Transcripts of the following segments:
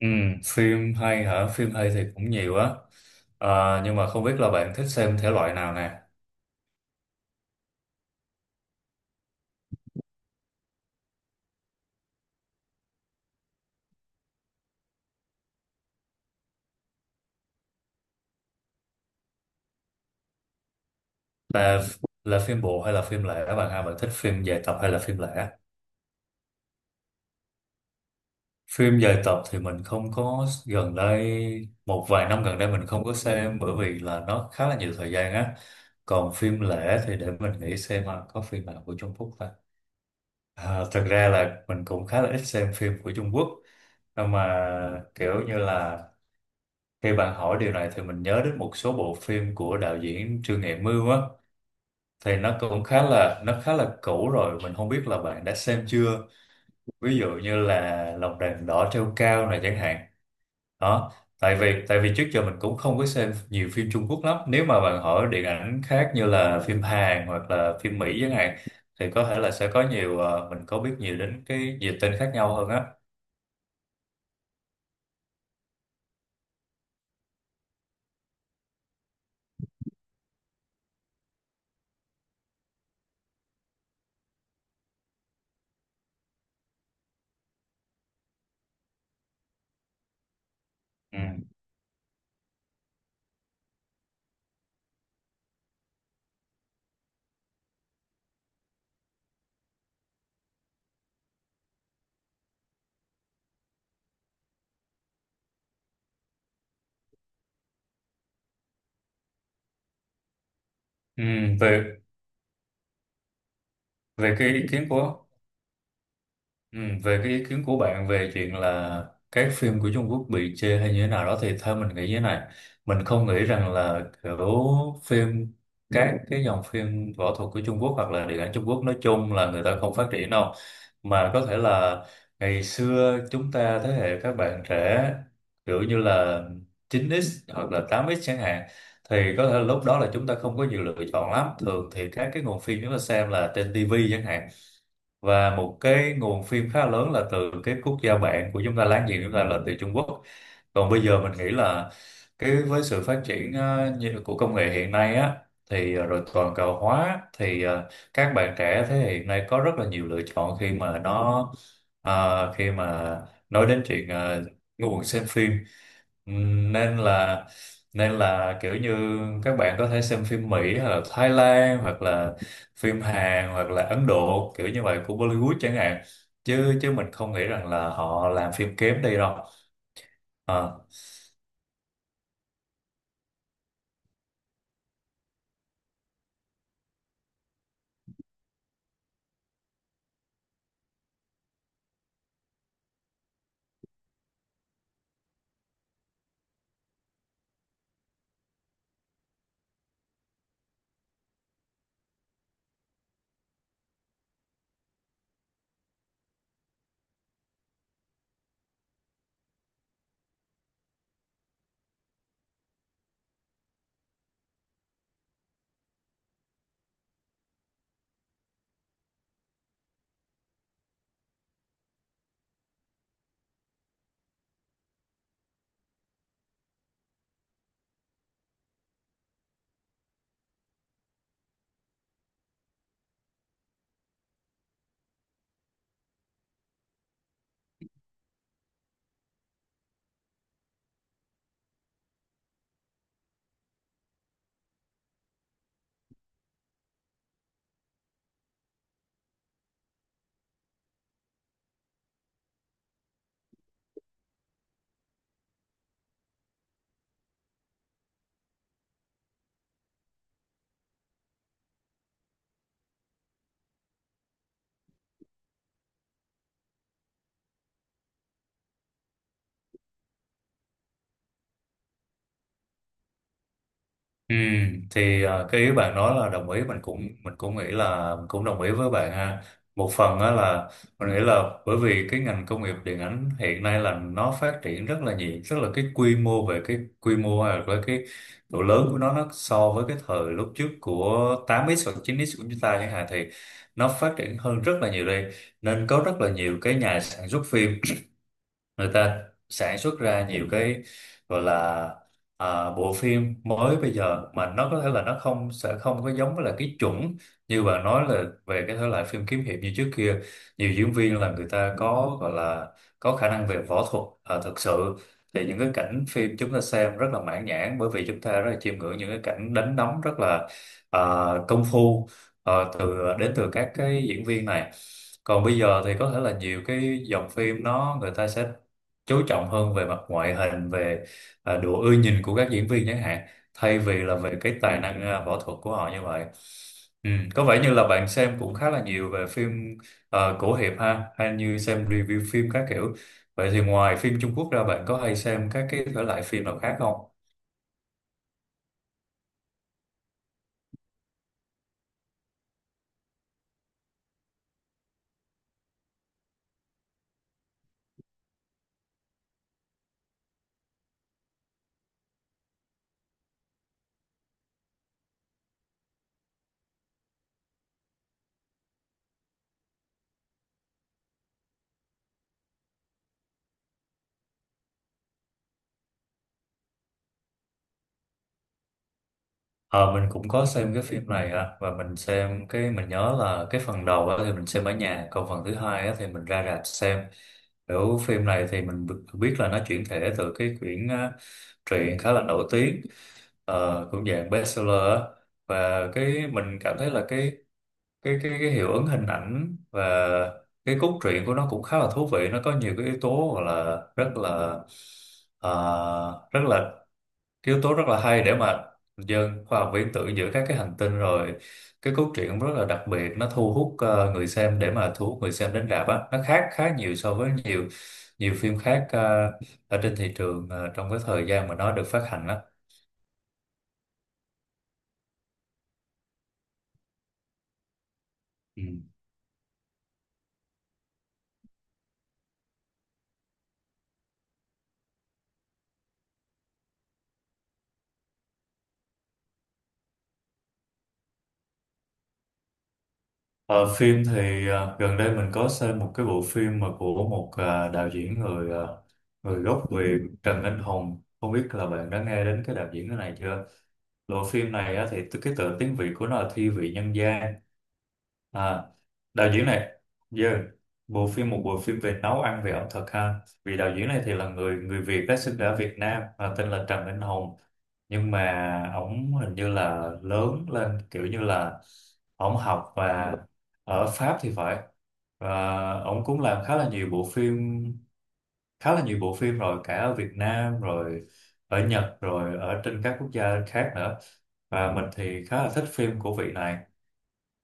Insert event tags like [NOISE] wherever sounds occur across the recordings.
Ừ, phim hay hả? Phim hay thì cũng nhiều á. Nhưng mà không biết là bạn thích xem thể loại nào nè? Là là phim bộ hay là phim lẻ bạn ha? Bạn thích phim dài tập hay là phim lẻ? Phim dài tập thì mình không có gần đây một vài năm gần đây mình không có xem bởi vì là nó khá là nhiều thời gian á. Còn phim lẻ thì để mình nghĩ xem là có phim nào của Trung Quốc ta. À, thật ra là mình cũng khá là ít xem phim của Trung Quốc. Nhưng mà kiểu như là khi bạn hỏi điều này thì mình nhớ đến một số bộ phim của đạo diễn Trương Nghệ Mưu á, thì nó khá là cũ rồi, mình không biết là bạn đã xem chưa, ví dụ như là Lòng đèn đỏ treo cao này chẳng hạn đó. Tại vì trước giờ mình cũng không có xem nhiều phim Trung Quốc lắm, nếu mà bạn hỏi điện ảnh khác như là phim Hàn hoặc là phim Mỹ chẳng hạn thì có thể là sẽ có nhiều, mình có biết nhiều đến cái nhiều tên khác nhau hơn á. Ừ. Ừ, về về cái ý kiến của, Ừ, về cái ý kiến của bạn về chuyện là các phim của Trung Quốc bị chê hay như thế nào đó thì theo mình nghĩ như thế này. Mình không nghĩ rằng là kiểu phim, các cái dòng phim võ thuật của Trung Quốc hoặc là điện ảnh Trung Quốc nói chung là người ta không phát triển đâu, mà có thể là ngày xưa chúng ta thế hệ các bạn trẻ kiểu như là 9x hoặc là 8x chẳng hạn thì có thể lúc đó là chúng ta không có nhiều lựa chọn lắm. Thường thì các cái nguồn phim chúng ta xem là trên TV chẳng hạn, và một cái nguồn phim khá lớn là từ cái quốc gia bạn của chúng ta, láng giềng chúng ta là từ Trung Quốc. Còn bây giờ mình nghĩ là cái với sự phát triển như của công nghệ hiện nay á, thì rồi toàn cầu hóa thì các bạn trẻ thế hệ hiện nay có rất là nhiều lựa chọn khi mà nó, ờ, khi mà nói đến chuyện nguồn xem phim. Ừm, nên là nên là kiểu như các bạn có thể xem phim Mỹ hoặc là Thái Lan hoặc là phim Hàn hoặc là Ấn Độ kiểu như vậy của Bollywood chẳng hạn, chứ chứ mình không nghĩ rằng là họ làm phim kém đi đâu. Ờ. Ừ, thì cái ý bạn nói là đồng ý, mình cũng nghĩ là mình cũng đồng ý với bạn ha, một phần á là mình nghĩ là bởi vì cái ngành công nghiệp điện ảnh hiện nay là nó phát triển rất là nhiều, rất là, cái quy mô về cái quy mô hay là với cái độ lớn của nó so với cái thời lúc trước của 8x hoặc 9x của chúng ta chẳng hạn thì nó phát triển hơn rất là nhiều đây. Nên có rất là nhiều cái nhà sản xuất phim, người ta sản xuất ra nhiều cái gọi là, bộ phim mới bây giờ mà nó có thể là nó không, sẽ không có giống với là cái chuẩn như bạn nói là về cái thể loại phim kiếm hiệp như trước kia. Nhiều diễn viên là người ta có gọi là có khả năng về võ thuật thực sự, thì những cái cảnh phim chúng ta xem rất là mãn nhãn bởi vì chúng ta rất là chiêm ngưỡng những cái cảnh đánh đấm rất là, à, công phu, à, từ đến từ các cái diễn viên này. Còn bây giờ thì có thể là nhiều cái dòng phim nó, người ta sẽ chú trọng hơn về mặt ngoại hình, về độ ưa nhìn của các diễn viên chẳng hạn, thay vì là về cái tài năng võ thuật của họ như vậy. Ừ, có vẻ như là bạn xem cũng khá là nhiều về phim cổ hiệp ha, hay như xem review phim các kiểu. Vậy thì ngoài phim Trung Quốc ra bạn có hay xem các cái thể loại phim nào khác không? Ờ, mình cũng có xem cái phim này, và mình xem cái, mình nhớ là cái phần đầu á thì mình xem ở nhà, còn phần thứ hai á thì mình ra rạp xem. Kiểu phim này thì mình biết là nó chuyển thể từ cái quyển truyện khá là nổi tiếng, cũng dạng bestseller á. Và cái mình cảm thấy là cái, cái hiệu ứng hình ảnh và cái cốt truyện của nó cũng khá là thú vị, nó có nhiều cái yếu tố gọi là rất là, rất là yếu tố rất là hay để mà dân khoa học viễn tưởng giữa các cái hành tinh rồi. Cái cốt truyện cũng rất là đặc biệt, nó thu hút người xem, để mà thu hút người xem đến rạp á, nó khác khá nhiều so với nhiều, nhiều phim khác ở trên thị trường trong cái thời gian mà nó được phát hành á. Ừ. Ờ, phim thì gần đây mình có xem một cái bộ phim mà của một đạo diễn người ờ, người gốc Việt Trần Anh Hùng, không biết là bạn đã nghe đến cái đạo diễn cái này chưa. Bộ phim này á, thì cái tựa tiếng Việt của nó là Thi vị nhân gian. À, đạo diễn này, yeah. Bộ phim, một bộ phim về nấu ăn, về ẩm thực ha. Vì đạo diễn này thì là người người Việt đã sinh ra ở Việt Nam và tên là Trần Anh Hùng. Nhưng mà ổng hình như là lớn lên kiểu như là ổng học và ở Pháp thì phải. Và ổng cũng làm khá là nhiều bộ phim, khá là nhiều bộ phim rồi, cả ở Việt Nam rồi ở Nhật rồi ở trên các quốc gia khác nữa, và mình thì khá là thích phim của vị này.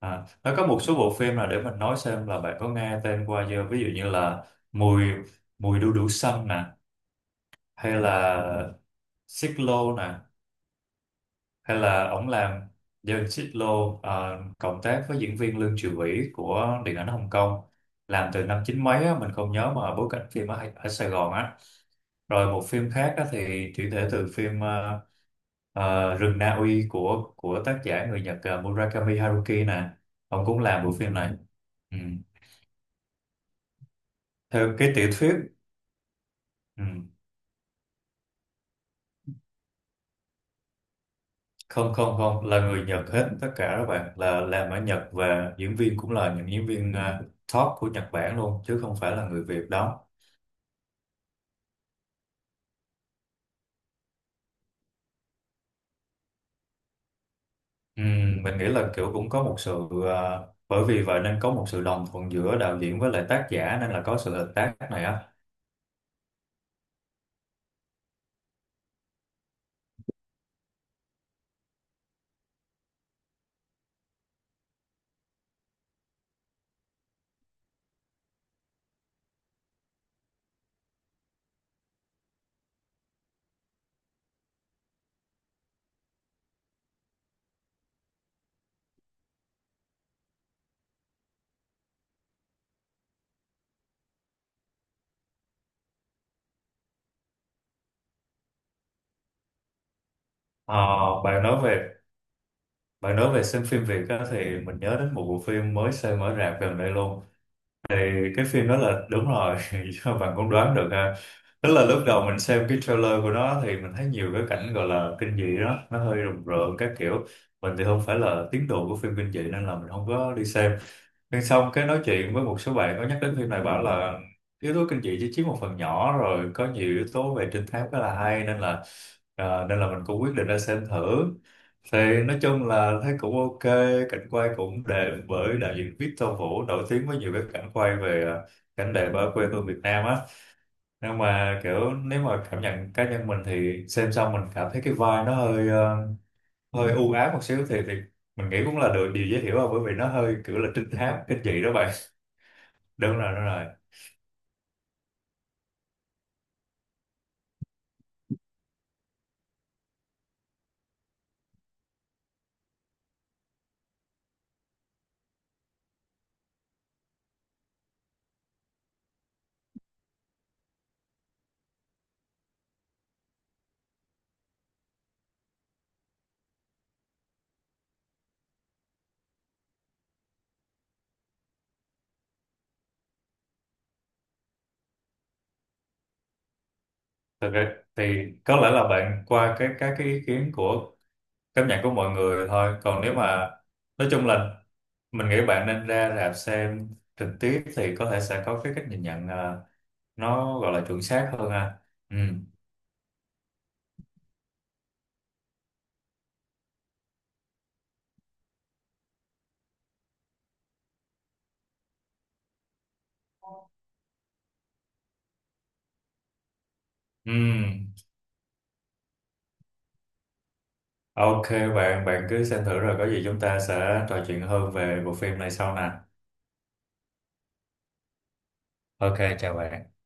À, nó có một số bộ phim là để mình nói xem là bạn có nghe tên qua chưa, ví dụ như là mùi mùi đu đủ xanh nè, hay là Xích Lô nè, hay là ổng làm David Xích Lô cộng tác với diễn viên Lương Triều Vĩ của điện ảnh Hồng Kông, làm từ năm chín mấy á, mình không nhớ, mà bối cảnh phim ở Sài Gòn á. Rồi một phim khác á, thì chuyển thể từ phim Rừng Na Uy của tác giả người Nhật, Murakami Haruki nè, ông cũng làm bộ phim này. Ừ. Theo cái tiểu thuyết. Ừ. Không, không, không, là người Nhật hết, tất cả các bạn là làm ở Nhật và diễn viên cũng là những diễn viên top của Nhật Bản luôn chứ không phải là người Việt đó. Mình nghĩ là kiểu cũng có một sự, à, bởi vì vậy nên có một sự đồng thuận giữa đạo diễn với lại tác giả nên là có sự hợp tác này á. Ờ, bạn nói về bạn nói về xem phim Việt á, thì mình nhớ đến một bộ phim mới xem ở rạp gần đây luôn, thì cái phim đó là đúng rồi. [LAUGHS] Bạn cũng đoán được ha. Tức là lúc đầu mình xem cái trailer của nó thì mình thấy nhiều cái cảnh gọi là kinh dị đó, nó hơi rùng rợn các kiểu. Mình thì không phải là tín đồ của phim kinh dị nên là mình không có đi xem. Nhưng xong cái nói chuyện với một số bạn có nhắc đến phim này bảo là yếu tố kinh dị chỉ chiếm một phần nhỏ, rồi có nhiều yếu tố về trinh thám khá là hay nên là, nên là mình cũng quyết định ra xem thử. Thì nói chung là thấy cũng ok, cảnh quay cũng đẹp bởi đạo diễn Victor Vũ nổi tiếng với nhiều cái cảnh quay về cảnh đẹp ở quê hương Việt Nam á. Nhưng mà kiểu nếu mà cảm nhận cá nhân mình thì xem xong mình cảm thấy cái vai nó hơi, hơi u ám một xíu, thì mình nghĩ cũng là được, điều dễ hiểu rồi bởi vì nó hơi kiểu là trinh thám kinh dị đó bạn. Đúng rồi, đúng rồi. Thật ra thì có lẽ là bạn qua cái các cái ý kiến của, cảm nhận của mọi người thôi, còn nếu mà nói chung là mình nghĩ bạn nên ra rạp xem trực tiếp thì có thể sẽ có cái cách nhìn nhận nó gọi là chuẩn xác hơn ha. Ừ. ừ Ok bạn, bạn cứ xem thử rồi có gì chúng ta sẽ trò chuyện hơn về bộ phim này sau nè. Ok, chào bạn.